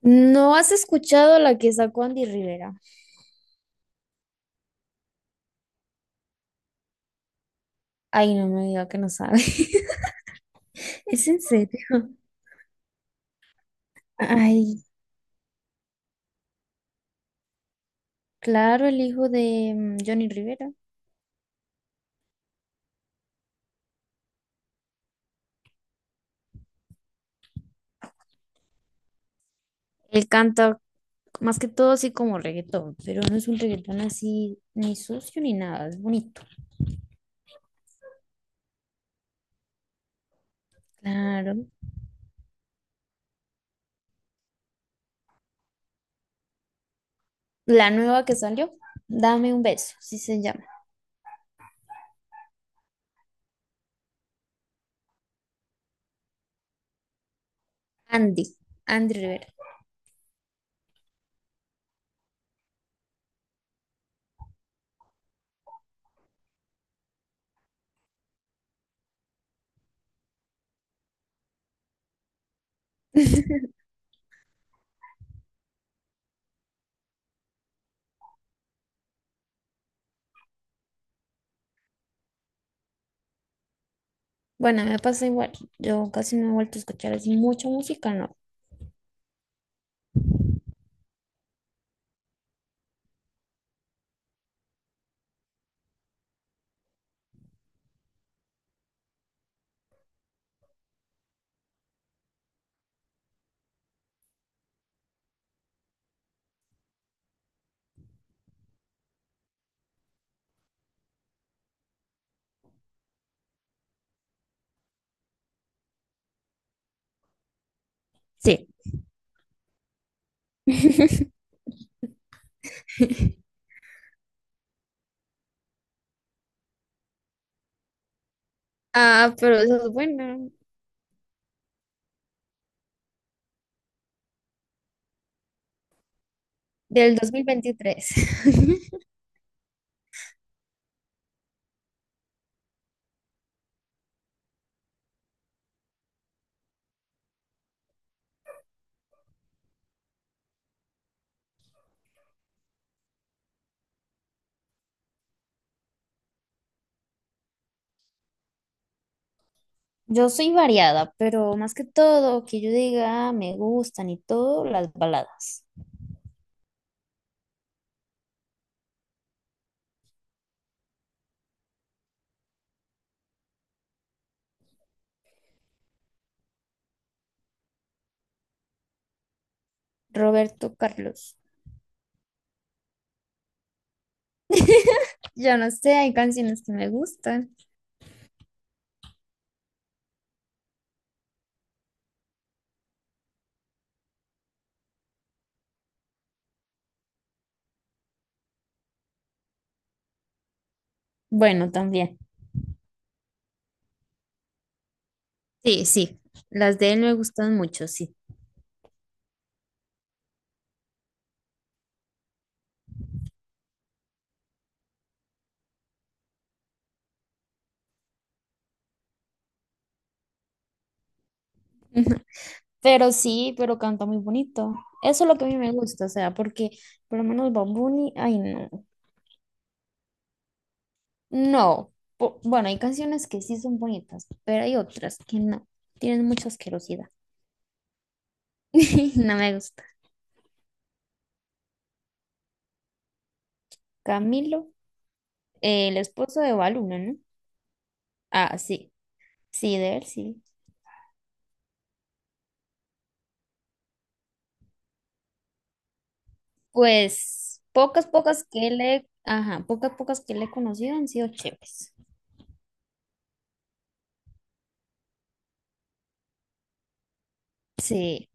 ¿No has escuchado la que sacó Andy Rivera? Ay, no me diga que no sabe. ¿Es en serio? Ay, claro, el hijo de Johnny Rivera. Él canta más que todo así como reggaetón, pero no es un reggaetón así ni sucio ni nada, es bonito. Claro. La nueva que salió, Dame un beso, sí se llama. Andy, Andy Rivera. Bueno, me pasa igual. Yo casi no he vuelto a escuchar así mucha música, no. Sí. Ah, pero eso es bueno. Del 2023. Yo soy variada, pero más que todo, que yo diga "Ah, me gustan y todo, las baladas". Roberto Carlos. Yo no sé, hay canciones que me gustan. Bueno, también. Sí, sí, las de él me gustan mucho, sí. Pero sí, pero canta muy bonito. Eso es lo que a mí me gusta, o sea, porque por lo menos Bad Bunny, ay no. No. Bueno, hay canciones que sí son bonitas, pero hay otras que no. Tienen mucha asquerosidad. No me gusta. Camilo, el esposo de Baluna, ¿no? Ah, sí, sí, de él, sí. Pues pocas, pocas que le, ajá, pocas, pocas que le he conocido han sido chéveres. Sí.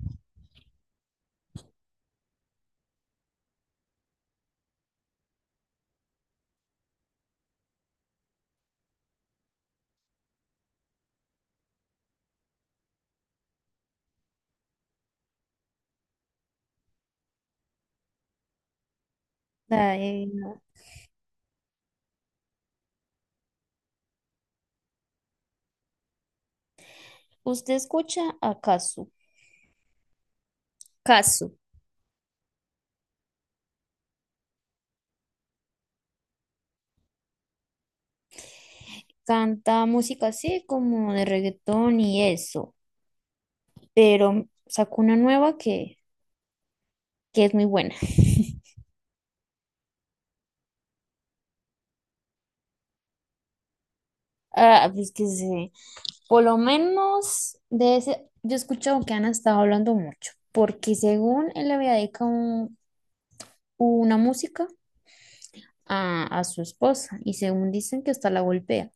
La de- ¿Usted escucha a Kazu? Kazu. Canta música así como de reggaetón y eso, pero sacó una nueva que es muy buena. Ah, pues que sí. Por lo menos de ese, yo he escuchado que han estado hablando mucho, porque según él le había dedicado una música a su esposa y según dicen que hasta la golpea.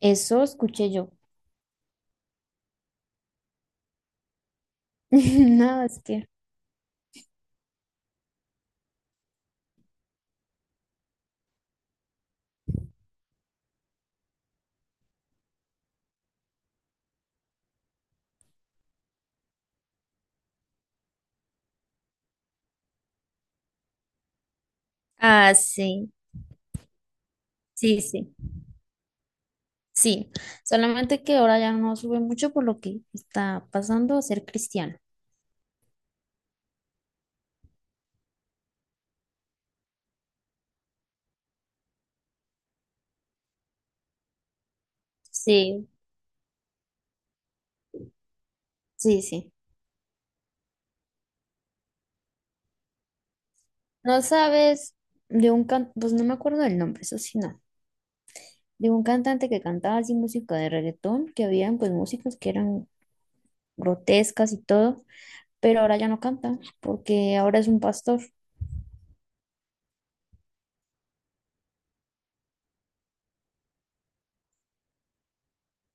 Eso escuché yo. Nada, es que... Ah, sí, sí, sí. Sí, solamente que ahora ya no sube mucho por lo que está pasando a ser cristiano. Sí. Sí, sí. No sabes de un cantante, pues no me acuerdo del nombre, eso sí, no. De un cantante que cantaba así música de reggaetón, que habían pues músicas que eran grotescas y todo, pero ahora ya no canta, porque ahora es un pastor.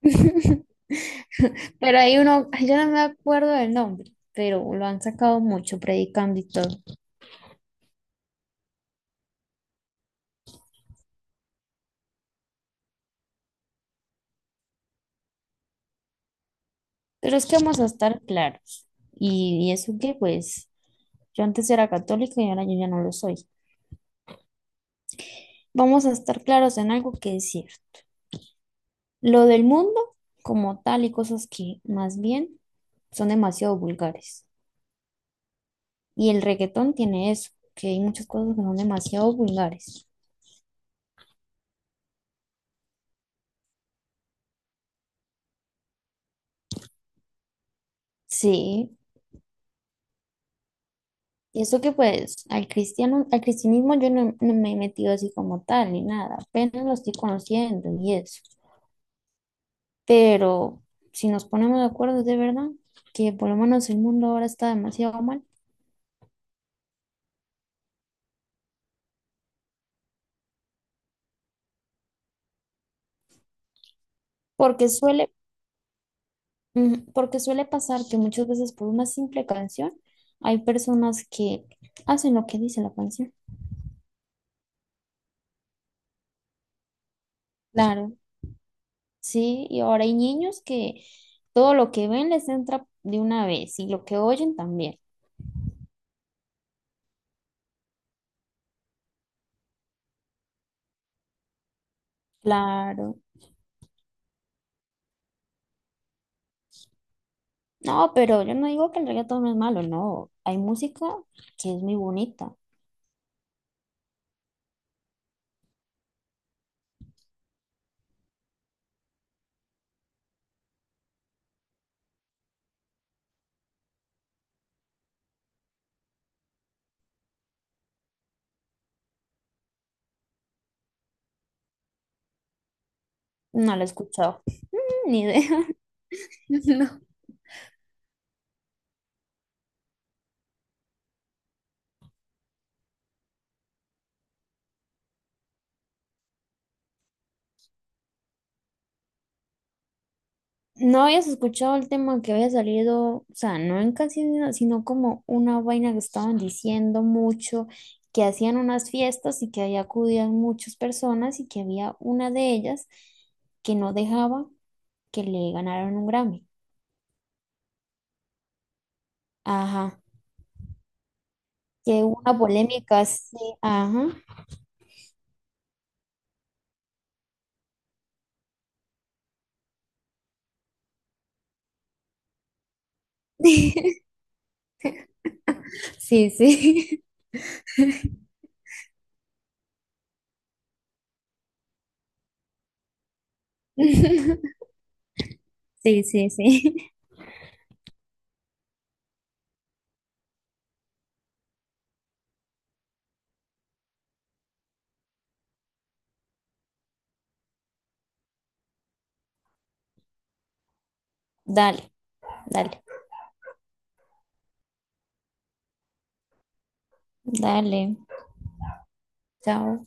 Pero hay uno, ay, yo no me acuerdo del nombre, pero lo han sacado mucho predicando y todo. Pero es que vamos a estar claros. Y eso que pues yo antes era católica y ahora yo ya no lo soy. Vamos a estar claros en algo que es cierto. Lo del mundo como tal y cosas que más bien son demasiado vulgares. Y el reggaetón tiene eso, que hay muchas cosas que son demasiado vulgares. Sí, y eso que pues al cristiano, al cristianismo yo no me he metido así como tal ni nada, apenas lo estoy conociendo y eso. Pero si nos ponemos de acuerdo de verdad, que por lo menos el mundo ahora está demasiado mal, porque suele, ujú, porque suele pasar que muchas veces por una simple canción hay personas que hacen lo que dice la canción. Claro. Sí, y ahora hay niños que todo lo que ven les entra de una vez y lo que oyen también. Claro. No, pero yo no digo que el reggaetón no es malo, no. Hay música que es muy bonita. No la he escuchado. Ni idea. No. No habías escuchado el tema que había salido, o sea, no en canciones, sino como una vaina que estaban diciendo mucho, que hacían unas fiestas y que ahí acudían muchas personas y que había una de ellas que no dejaba que le ganaron un Grammy. Ajá. Que hubo una polémica, sí, ajá. Sí, sí. Sí, sí, sí. Dale, dale, dale. Chao.